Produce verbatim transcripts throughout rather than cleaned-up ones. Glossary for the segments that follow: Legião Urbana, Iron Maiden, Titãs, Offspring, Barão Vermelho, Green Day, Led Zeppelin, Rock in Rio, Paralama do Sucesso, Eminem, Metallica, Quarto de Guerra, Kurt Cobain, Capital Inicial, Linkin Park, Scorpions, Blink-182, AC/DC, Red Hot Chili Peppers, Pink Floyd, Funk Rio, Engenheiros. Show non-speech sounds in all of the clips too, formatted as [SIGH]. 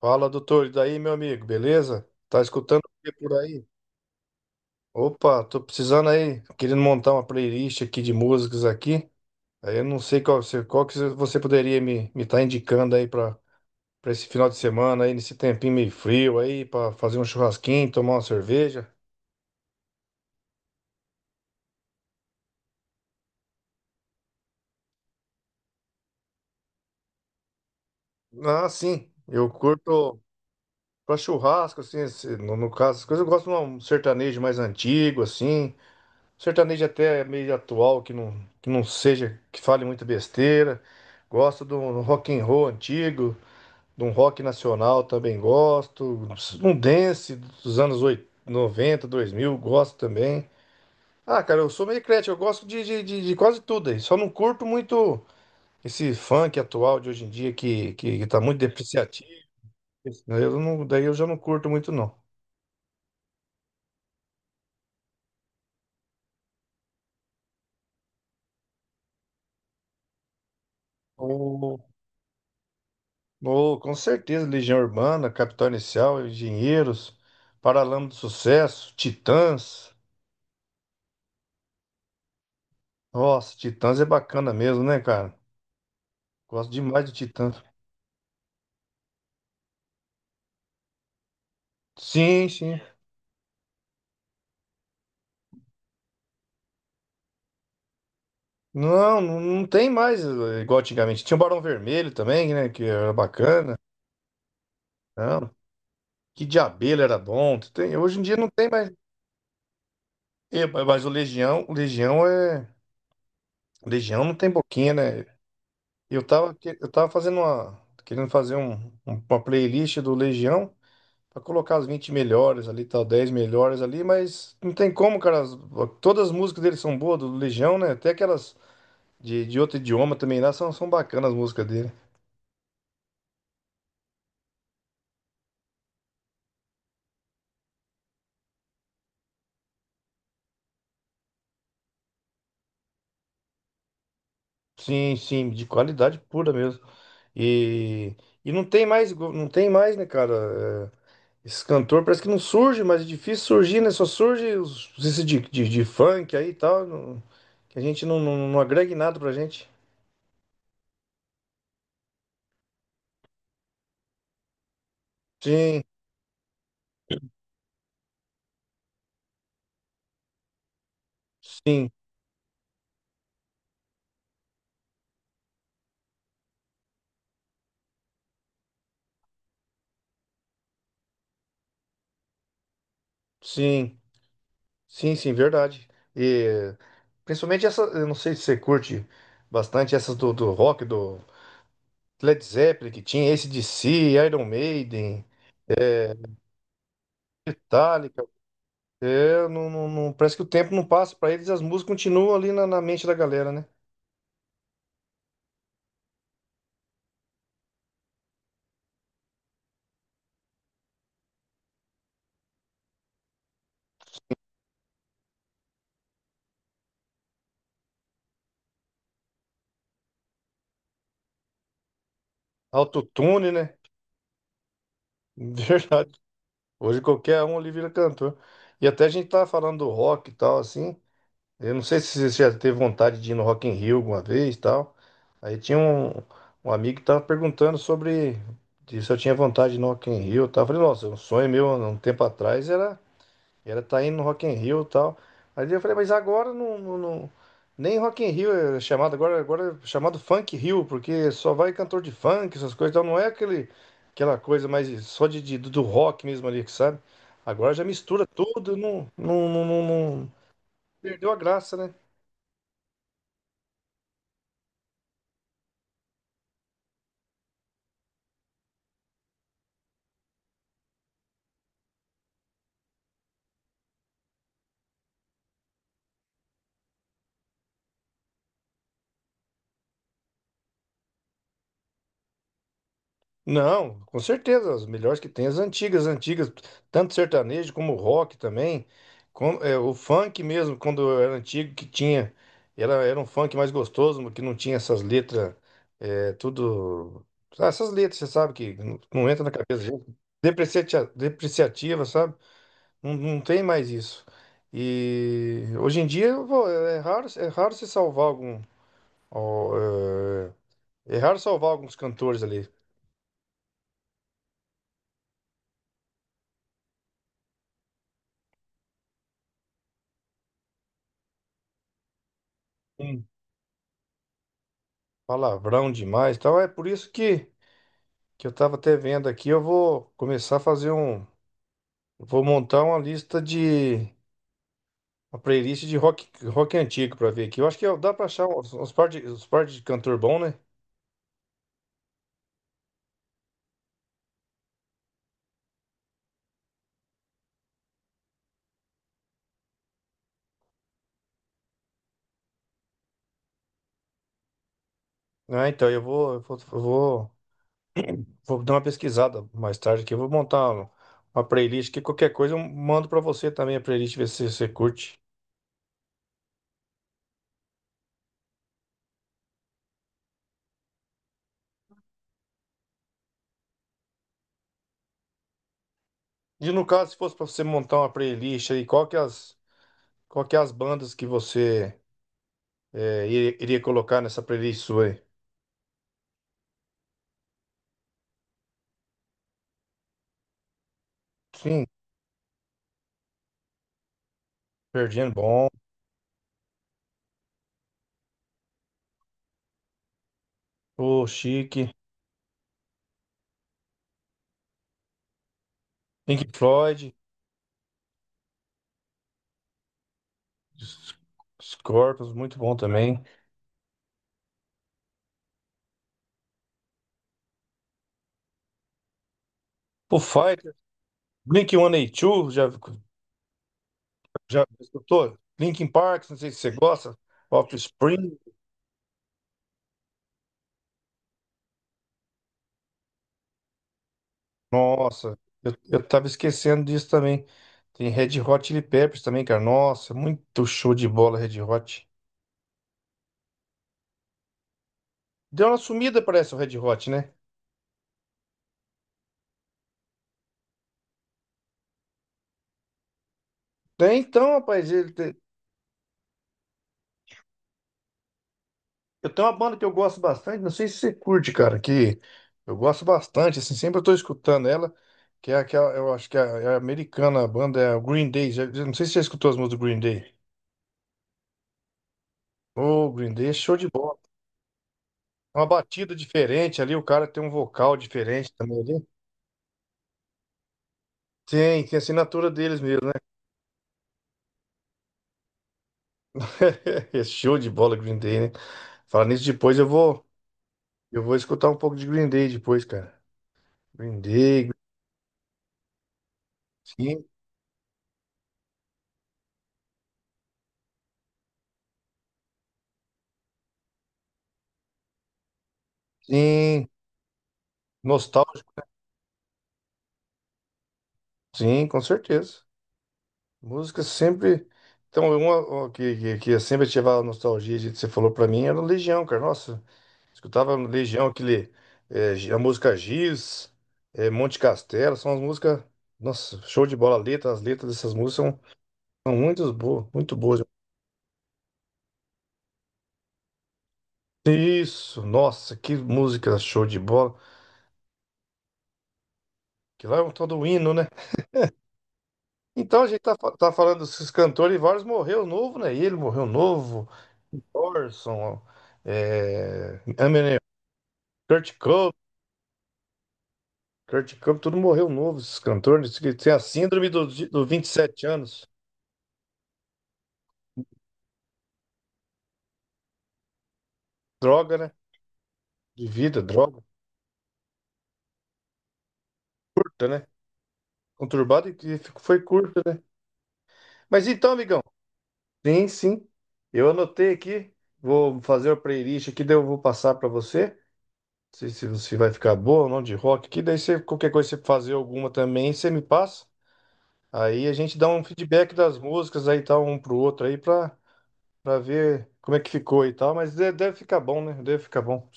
Fala, doutor. E daí, meu amigo, beleza? Tá escutando o que por aí? Opa, tô precisando aí, querendo montar uma playlist aqui de músicas aqui. Aí eu não sei qual, você- qual que você poderia me me tá indicando aí pra para esse final de semana aí, nesse tempinho meio frio aí, pra fazer um churrasquinho, tomar uma cerveja. Ah, sim. Eu curto pra churrasco assim, esse- no, no caso, essas coisas eu gosto de um sertanejo mais antigo assim. Sertanejo até meio atual, que não, que não seja, que fale muita besteira. Gosto de um rock and roll antigo, de um rock nacional também gosto. Um dance dos anos oit- noventa dois mil gosto também. Ah, cara, eu sou meio eclético, eu gosto de, de, de- de quase tudo aí. Só não curto muito esse funk atual de hoje em dia que, que, que tá muito depreciativo. Né? Eu não, daí eu já não curto muito, não. Oh, com certeza, Legião Urbana, Capital Inicial, Engenheiros, Paralama do Sucesso, Titãs. Nossa, Titãs é bacana mesmo, né, cara? Gosto demais de Titãs. Sim, sim. Não, não, não tem mais eh, igual antigamente. Tinha o Barão Vermelho também, né, que era bacana. Não, que de Abelha era bom. Tem, hoje em dia não tem mais. Eh, Mas o Legião, o Legião é... O Legião não tem boquinha, né? Eu tava, que- eu tava fazendo uma... Querendo fazer um- um- uma playlist do Legião. Pra colocar as vinte melhores ali, tal, dez melhores ali, mas não tem como, cara. As- todas as músicas dele são boas, do Legião, né? Até aquelas de, de outro idioma também lá são, são bacanas as músicas dele. Sim, sim, de qualidade pura mesmo. E, e não tem mais, igu- não tem mais, né, cara? É, esse cantor parece que não surge, mas é difícil surgir, né? Só surge os, esse de, de, de funk aí e tal, não- que a gente não, não, não agrega em nada pra gente. Sim, sim, sim. Sim, sim, verdade. E principalmente essa, eu não sei se você curte bastante essas do, do rock, do Led Zeppelin que tinha, A C/D C, Iron Maiden, Metallica. É, não, não, não- parece que o tempo não passa para eles, e as músicas continuam ali na, na mente da galera, né? Autotune, né? [LAUGHS] Verdade. Hoje qualquer um ali vira cantor. E até a gente tá falando do rock e tal, assim. Eu não sei se você já teve vontade de ir no Rock in Rio alguma vez e tal. Aí tinha um, um amigo que tava perguntando sobre de se eu tinha vontade de ir no Rock in Rio e tal. Eu falei, nossa, é um sonho meu há um tempo atrás era era estar indo no Rock in Rio e tal. Aí eu falei, mas agora não, não, não- nem Rock in Rio é chamado agora, agora é chamado Funk Rio, porque só vai cantor de funk, essas coisas, então não é aquele aquela coisa mais só de, de- do rock mesmo ali, que sabe? Agora já mistura tudo, não, não, não, não, não- perdeu a graça, né? Não, com certeza, as melhores que tem, as antigas, antigas, tanto sertanejo como rock também, com- é, o funk mesmo, quando era antigo, que tinha, era, era um funk mais gostoso, que não tinha essas letras, é, tudo, ah, essas letras, você sabe, que não, não entra na cabeça, da gente, depreciativa, depreciativa, sabe, não, não tem mais isso, e hoje em dia, vô, é é raro, é raro se salvar algum, ó, é é raro salvar alguns cantores ali. Palavrão demais, e tal. É por isso que, que eu tava até vendo aqui, eu vou começar a fazer um, eu vou montar uma lista de uma playlist de rock, rock antigo pra ver aqui. Eu acho que dá pra achar uns, uns par de, uns par de cantor bom, né? Ah, então eu vou, eu vou, eu vou, vou dar uma pesquisada mais tarde aqui, eu vou montar uma, uma playlist que qualquer coisa eu mando pra você também a playlist ver se você curte. E no caso, se fosse pra você montar uma playlist aí, qual que é as, qual que é as bandas que você eh, iria iria colocar nessa playlist sua aí? Sim, perdendo bom. O Chic Pink Floyd. S- Scorpions, muito bom também. O Fighter. blink one eighty two, já, já escutou? Linkin Park, não sei se você gosta. Offspring. Nossa, eu, eu tava esquecendo disso também. Tem Red Hot Chili Peppers também, cara. Nossa, muito show de bola Red Hot. Deu uma sumida, parece, o Red Hot, né? Tem então, rapaz, ele, eu tenho uma banda que eu gosto bastante, não sei se você curte, cara, que eu gosto bastante, assim, sempre eu tô escutando ela, que é aquela, eu acho que é, é americana, a banda é o Green Day, já- já- não sei se você já escutou as músicas do Green Day. Ô, Green Day, é show de bola. É uma batida diferente ali, o cara tem um vocal diferente também ali. Tem, tem a assinatura deles mesmo, né? [LAUGHS] É show de bola, Green Day, né? Falar nisso depois, eu vou, eu vou escutar um pouco de Green Day depois, cara. Green Day, sim, sim, nostálgico, sim, com certeza. Música sempre. Então, uma uma que, que, que sempre ativava a nostalgia, gente, você falou pra mim, era Legião, cara. Nossa, escutava Legião, aquele, eh, a música Giz, eh, Monte Castelo, são as músicas. Nossa, show de bola. A letra, as letras dessas músicas são, são muito boas, muito boas. Isso, nossa, que música show de bola. Que lá é um todo hino, né? Então a gente tá, fa- tá falando desses cantores e vários morreu novo, né? Ele morreu novo, Orson, é, Eminem, Kurt Cobain. Kurt Cobain, tudo morreu novo, esses cantores. Que tem a síndrome dos do vinte e sete anos. Droga, né? De vida, droga curta, né? Conturbada e que fico- foi curta, né? Mas então, amigão. Sim, sim. Eu anotei aqui. Vou fazer a playlist aqui, daí eu vou passar pra você. Não sei se, se vai ficar boa ou não de rock aqui. Daí você, qualquer coisa, você fazer alguma também, você me passa. Aí a gente dá um feedback das músicas aí, tal, um pro outro aí, pra, pra ver como é que ficou e tal. Mas de- deve ficar bom, né? Deve ficar bom.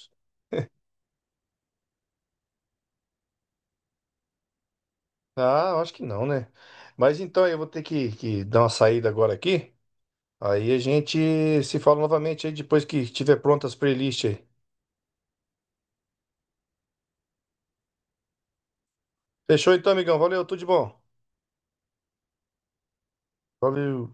Ah, eu acho que não, né? Mas então eu vou ter que, que dar uma saída agora aqui. Aí a gente se fala novamente aí depois que tiver prontas as playlists aí. Fechou então, amigão. Valeu, tudo de bom. Valeu.